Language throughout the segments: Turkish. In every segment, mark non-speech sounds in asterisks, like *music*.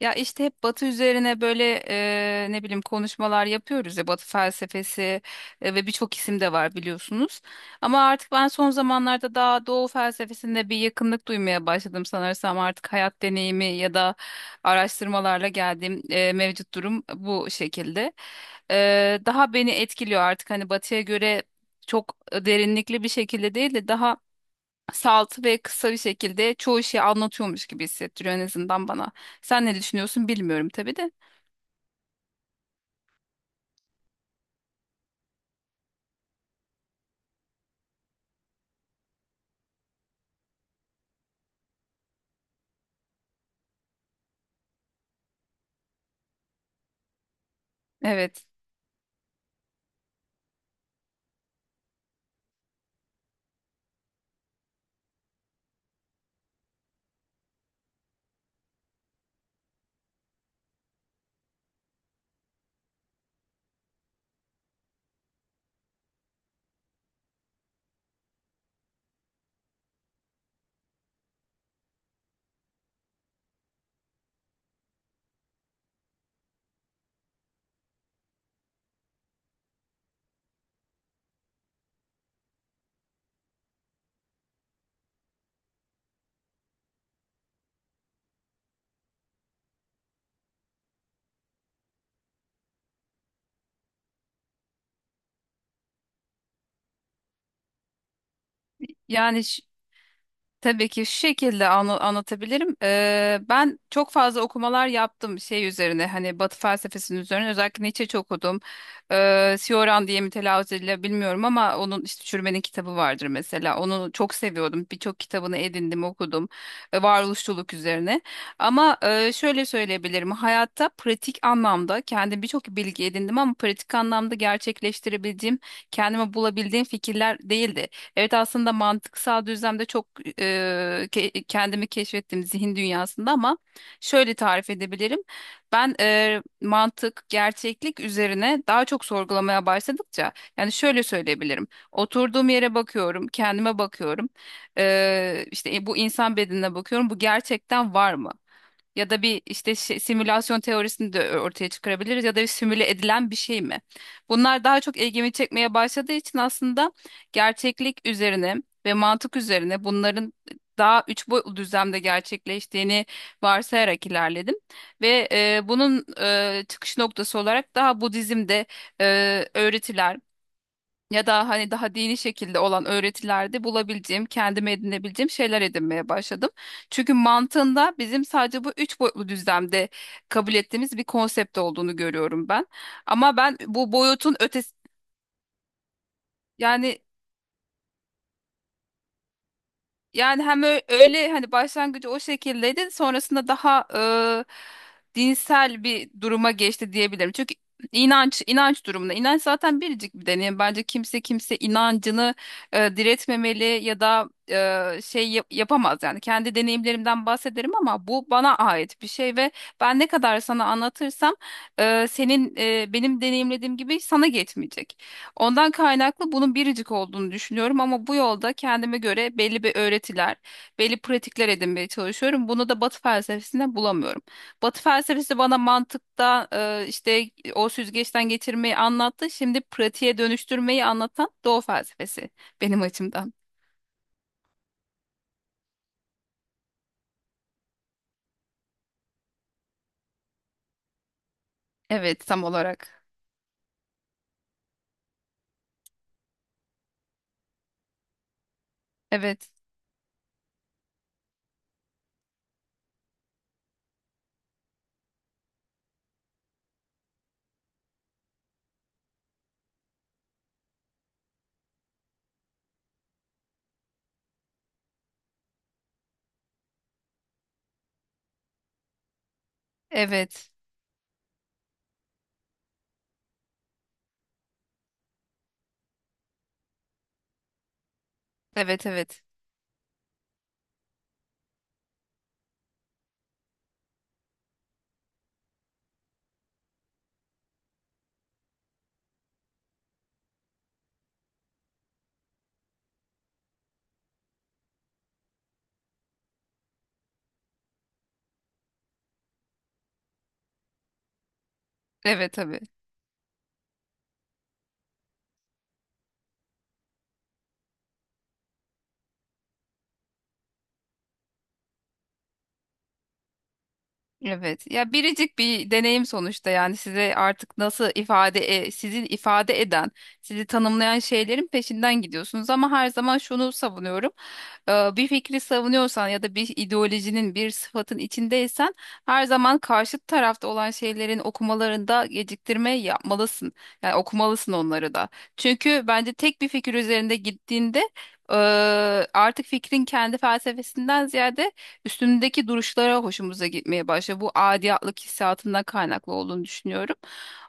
Ya işte hep Batı üzerine böyle ne bileyim konuşmalar yapıyoruz ya, Batı felsefesi ve birçok isim de var biliyorsunuz. Ama artık ben son zamanlarda daha Doğu felsefesinde bir yakınlık duymaya başladım, sanırsam artık hayat deneyimi ya da araştırmalarla geldiğim mevcut durum bu şekilde. Daha beni etkiliyor artık, hani Batı'ya göre çok derinlikli bir şekilde değil de daha salt ve kısa bir şekilde çoğu şeyi anlatıyormuş gibi hissettiriyor en azından bana. Sen ne düşünüyorsun bilmiyorum tabii de. Evet. Yani Tabii ki şu şekilde anlatabilirim. Ben çok fazla okumalar yaptım şey üzerine, hani Batı felsefesinin üzerine, özellikle Nietzsche çok okudum. Sioran diye mi telaffuz ediliyor bilmiyorum, ama onun işte Çürümenin kitabı vardır mesela. Onu çok seviyordum. Birçok kitabını edindim, okudum. Varoluşçuluk üzerine. Ama şöyle söyleyebilirim, hayatta pratik anlamda kendim birçok bilgi edindim, ama pratik anlamda gerçekleştirebildiğim, kendime bulabildiğim fikirler değildi. Evet, aslında mantıksal düzlemde çok kendimi keşfettim zihin dünyasında, ama şöyle tarif edebilirim. Ben mantık, gerçeklik üzerine daha çok sorgulamaya başladıkça, yani şöyle söyleyebilirim. Oturduğum yere bakıyorum, kendime bakıyorum. Bu insan bedenine bakıyorum. Bu gerçekten var mı? Ya da bir işte simülasyon teorisini de ortaya çıkarabiliriz, ya da bir simüle edilen bir şey mi? Bunlar daha çok ilgimi çekmeye başladığı için aslında gerçeklik üzerine ve mantık üzerine bunların daha üç boyutlu düzlemde gerçekleştiğini varsayarak ilerledim. Ve bunun çıkış noktası olarak daha Budizm'de e, öğretiler ya da hani daha dini şekilde olan öğretilerde bulabileceğim, kendime edinebileceğim şeyler edinmeye başladım. Çünkü mantığında bizim sadece bu üç boyutlu düzlemde kabul ettiğimiz bir konsept olduğunu görüyorum ben. Ama ben bu boyutun ötesi yani Yani hem öyle, hani başlangıcı o şekildeydi, sonrasında daha dinsel bir duruma geçti diyebilirim. Çünkü inanç durumunda inanç zaten biricik bir deneyim. Bence kimse inancını diretmemeli ya da yapamaz yani. Kendi deneyimlerimden bahsederim, ama bu bana ait bir şey ve ben ne kadar sana anlatırsam benim deneyimlediğim gibi sana geçmeyecek. Ondan kaynaklı bunun biricik olduğunu düşünüyorum, ama bu yolda kendime göre belli bir öğretiler, belli pratikler edinmeye çalışıyorum. Bunu da Batı felsefesinden bulamıyorum. Batı felsefesi bana mantıkta işte o süzgeçten geçirmeyi anlattı. Şimdi pratiğe dönüştürmeyi anlatan Doğu felsefesi benim açımdan. Evet, tam olarak. Evet, evet, evet, evet, evet, tabii. Evet. Ya biricik bir deneyim sonuçta, yani size artık nasıl sizi ifade eden, sizi tanımlayan şeylerin peşinden gidiyorsunuz, ama her zaman şunu savunuyorum. Bir fikri savunuyorsan ya da bir ideolojinin, bir sıfatın içindeysen, her zaman karşı tarafta olan şeylerin okumalarında geciktirme yapmalısın. Yani okumalısın onları da. Çünkü bence tek bir fikir üzerinde gittiğinde e, artık fikrin kendi felsefesinden ziyade üstündeki duruşlara hoşumuza gitmeye başlıyor. Bu adiyatlık hissiyatından kaynaklı olduğunu düşünüyorum.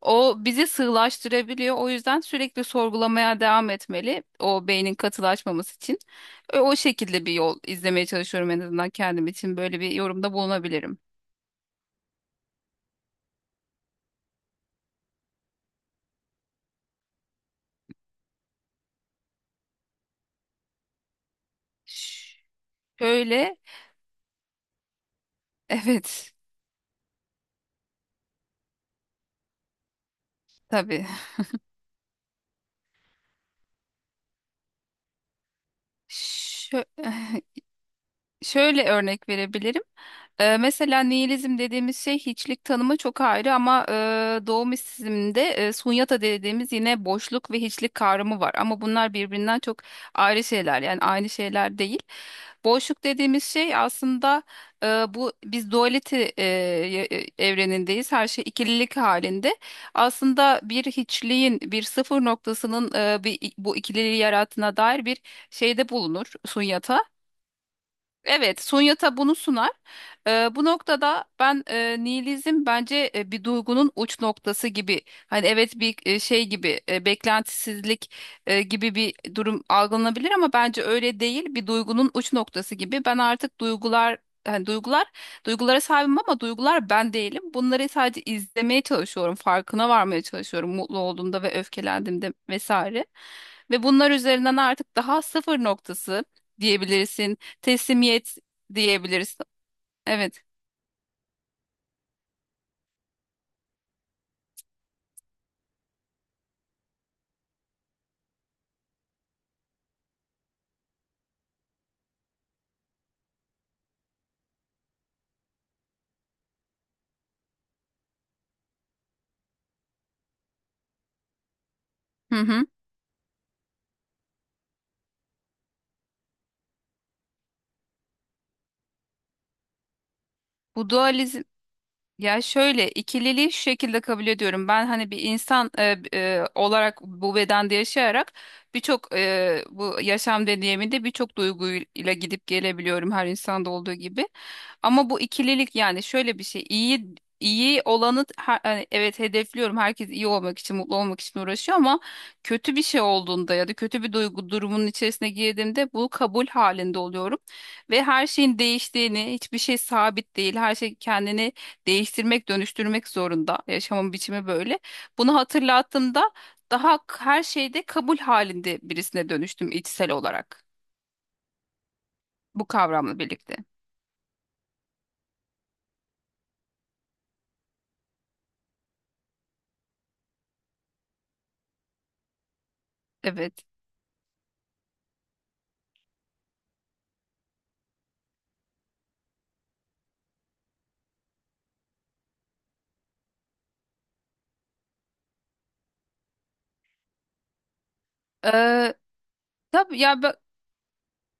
O bizi sığlaştırabiliyor. O yüzden sürekli sorgulamaya devam etmeli, o beynin katılaşmaması için. O şekilde bir yol izlemeye çalışıyorum en azından kendim için. Böyle bir yorumda bulunabilirim. Şöyle, *laughs* evet, tabii. Şö- *laughs* Şöyle örnek verebilirim. Mesela nihilizm dediğimiz şey, hiçlik tanımı çok ayrı, ama doğu mistisizmde sunyata dediğimiz yine boşluk ve hiçlik kavramı var. Ama bunlar birbirinden çok ayrı şeyler, yani aynı şeyler değil. Boşluk dediğimiz şey aslında, bu biz dualite evrenindeyiz. Her şey ikililik halinde. Aslında bir hiçliğin bir sıfır noktasının bir, bu ikililiği yarattığına dair bir şeyde bulunur sunyata. Evet, Sonya Tabu bunu sunar. Bu noktada ben, nihilizm bence bir duygunun uç noktası gibi. Hani evet bir beklentisizlik gibi bir durum algılanabilir, ama bence öyle değil. Bir duygunun uç noktası gibi. Ben artık duygular duygulara sahibim, ama duygular ben değilim. Bunları sadece izlemeye çalışıyorum, farkına varmaya çalışıyorum mutlu olduğumda ve öfkelendiğimde vesaire. Ve bunlar üzerinden artık daha sıfır noktası diyebilirsin, teslimiyet diyebiliriz. Evet. Hı hı. Bu dualizm, ya şöyle, ikililiği şu şekilde kabul ediyorum. Ben hani bir insan olarak bu bedende yaşayarak birçok bu yaşam deneyiminde birçok duyguyla gidip gelebiliyorum, her insanda olduğu gibi. Ama bu ikililik, yani şöyle bir şey, iyi olanı hani evet hedefliyorum. Herkes iyi olmak için, mutlu olmak için uğraşıyor, ama kötü bir şey olduğunda ya da kötü bir duygu durumunun içerisine girdiğimde bu kabul halinde oluyorum ve her şeyin değiştiğini, hiçbir şey sabit değil. Her şey kendini değiştirmek, dönüştürmek zorunda. Yaşamın biçimi böyle. Bunu hatırlattığımda daha her şeyde kabul halinde birisine dönüştüm içsel olarak. Bu kavramla birlikte. Evet. Ee, tabii ya,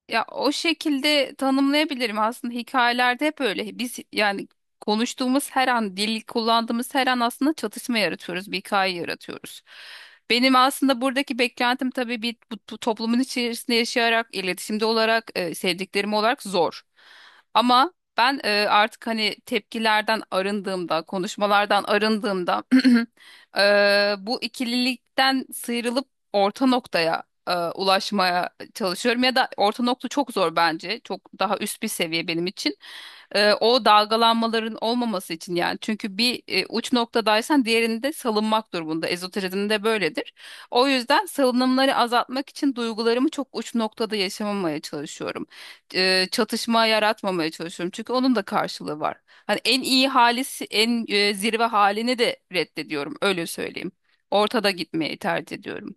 O şekilde tanımlayabilirim aslında, hikayelerde hep öyle. Biz yani konuştuğumuz her an, dil kullandığımız her an aslında çatışma yaratıyoruz, bir hikaye yaratıyoruz. Benim aslında buradaki beklentim tabii bir bu toplumun içerisinde yaşayarak, iletişimde olarak, sevdiklerim olarak zor. Ama ben artık hani tepkilerden arındığımda, konuşmalardan arındığımda *clears throat* bu ikililikten sıyrılıp orta noktaya ulaşmaya çalışıyorum, ya da orta nokta çok zor bence. Çok daha üst bir seviye benim için. O dalgalanmaların olmaması için yani. Çünkü bir uç noktadaysan diğerinde salınmak durumunda. Ezoterizmde böyledir. O yüzden salınımları azaltmak için duygularımı çok uç noktada yaşamamaya çalışıyorum. Çatışma yaratmamaya çalışıyorum. Çünkü onun da karşılığı var. Hani en iyi halisi, en zirve halini de reddediyorum. Öyle söyleyeyim. Ortada gitmeyi tercih ediyorum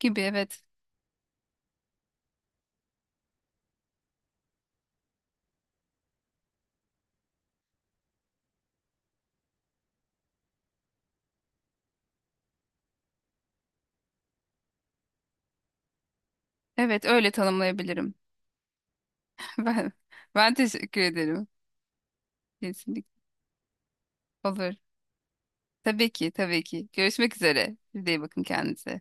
gibi, evet. Evet, öyle tanımlayabilirim. *laughs* Ben, ben teşekkür ederim. Kesinlikle. Olur. Tabii ki, tabii ki. Görüşmek üzere. Siz de iyi bakın kendinize.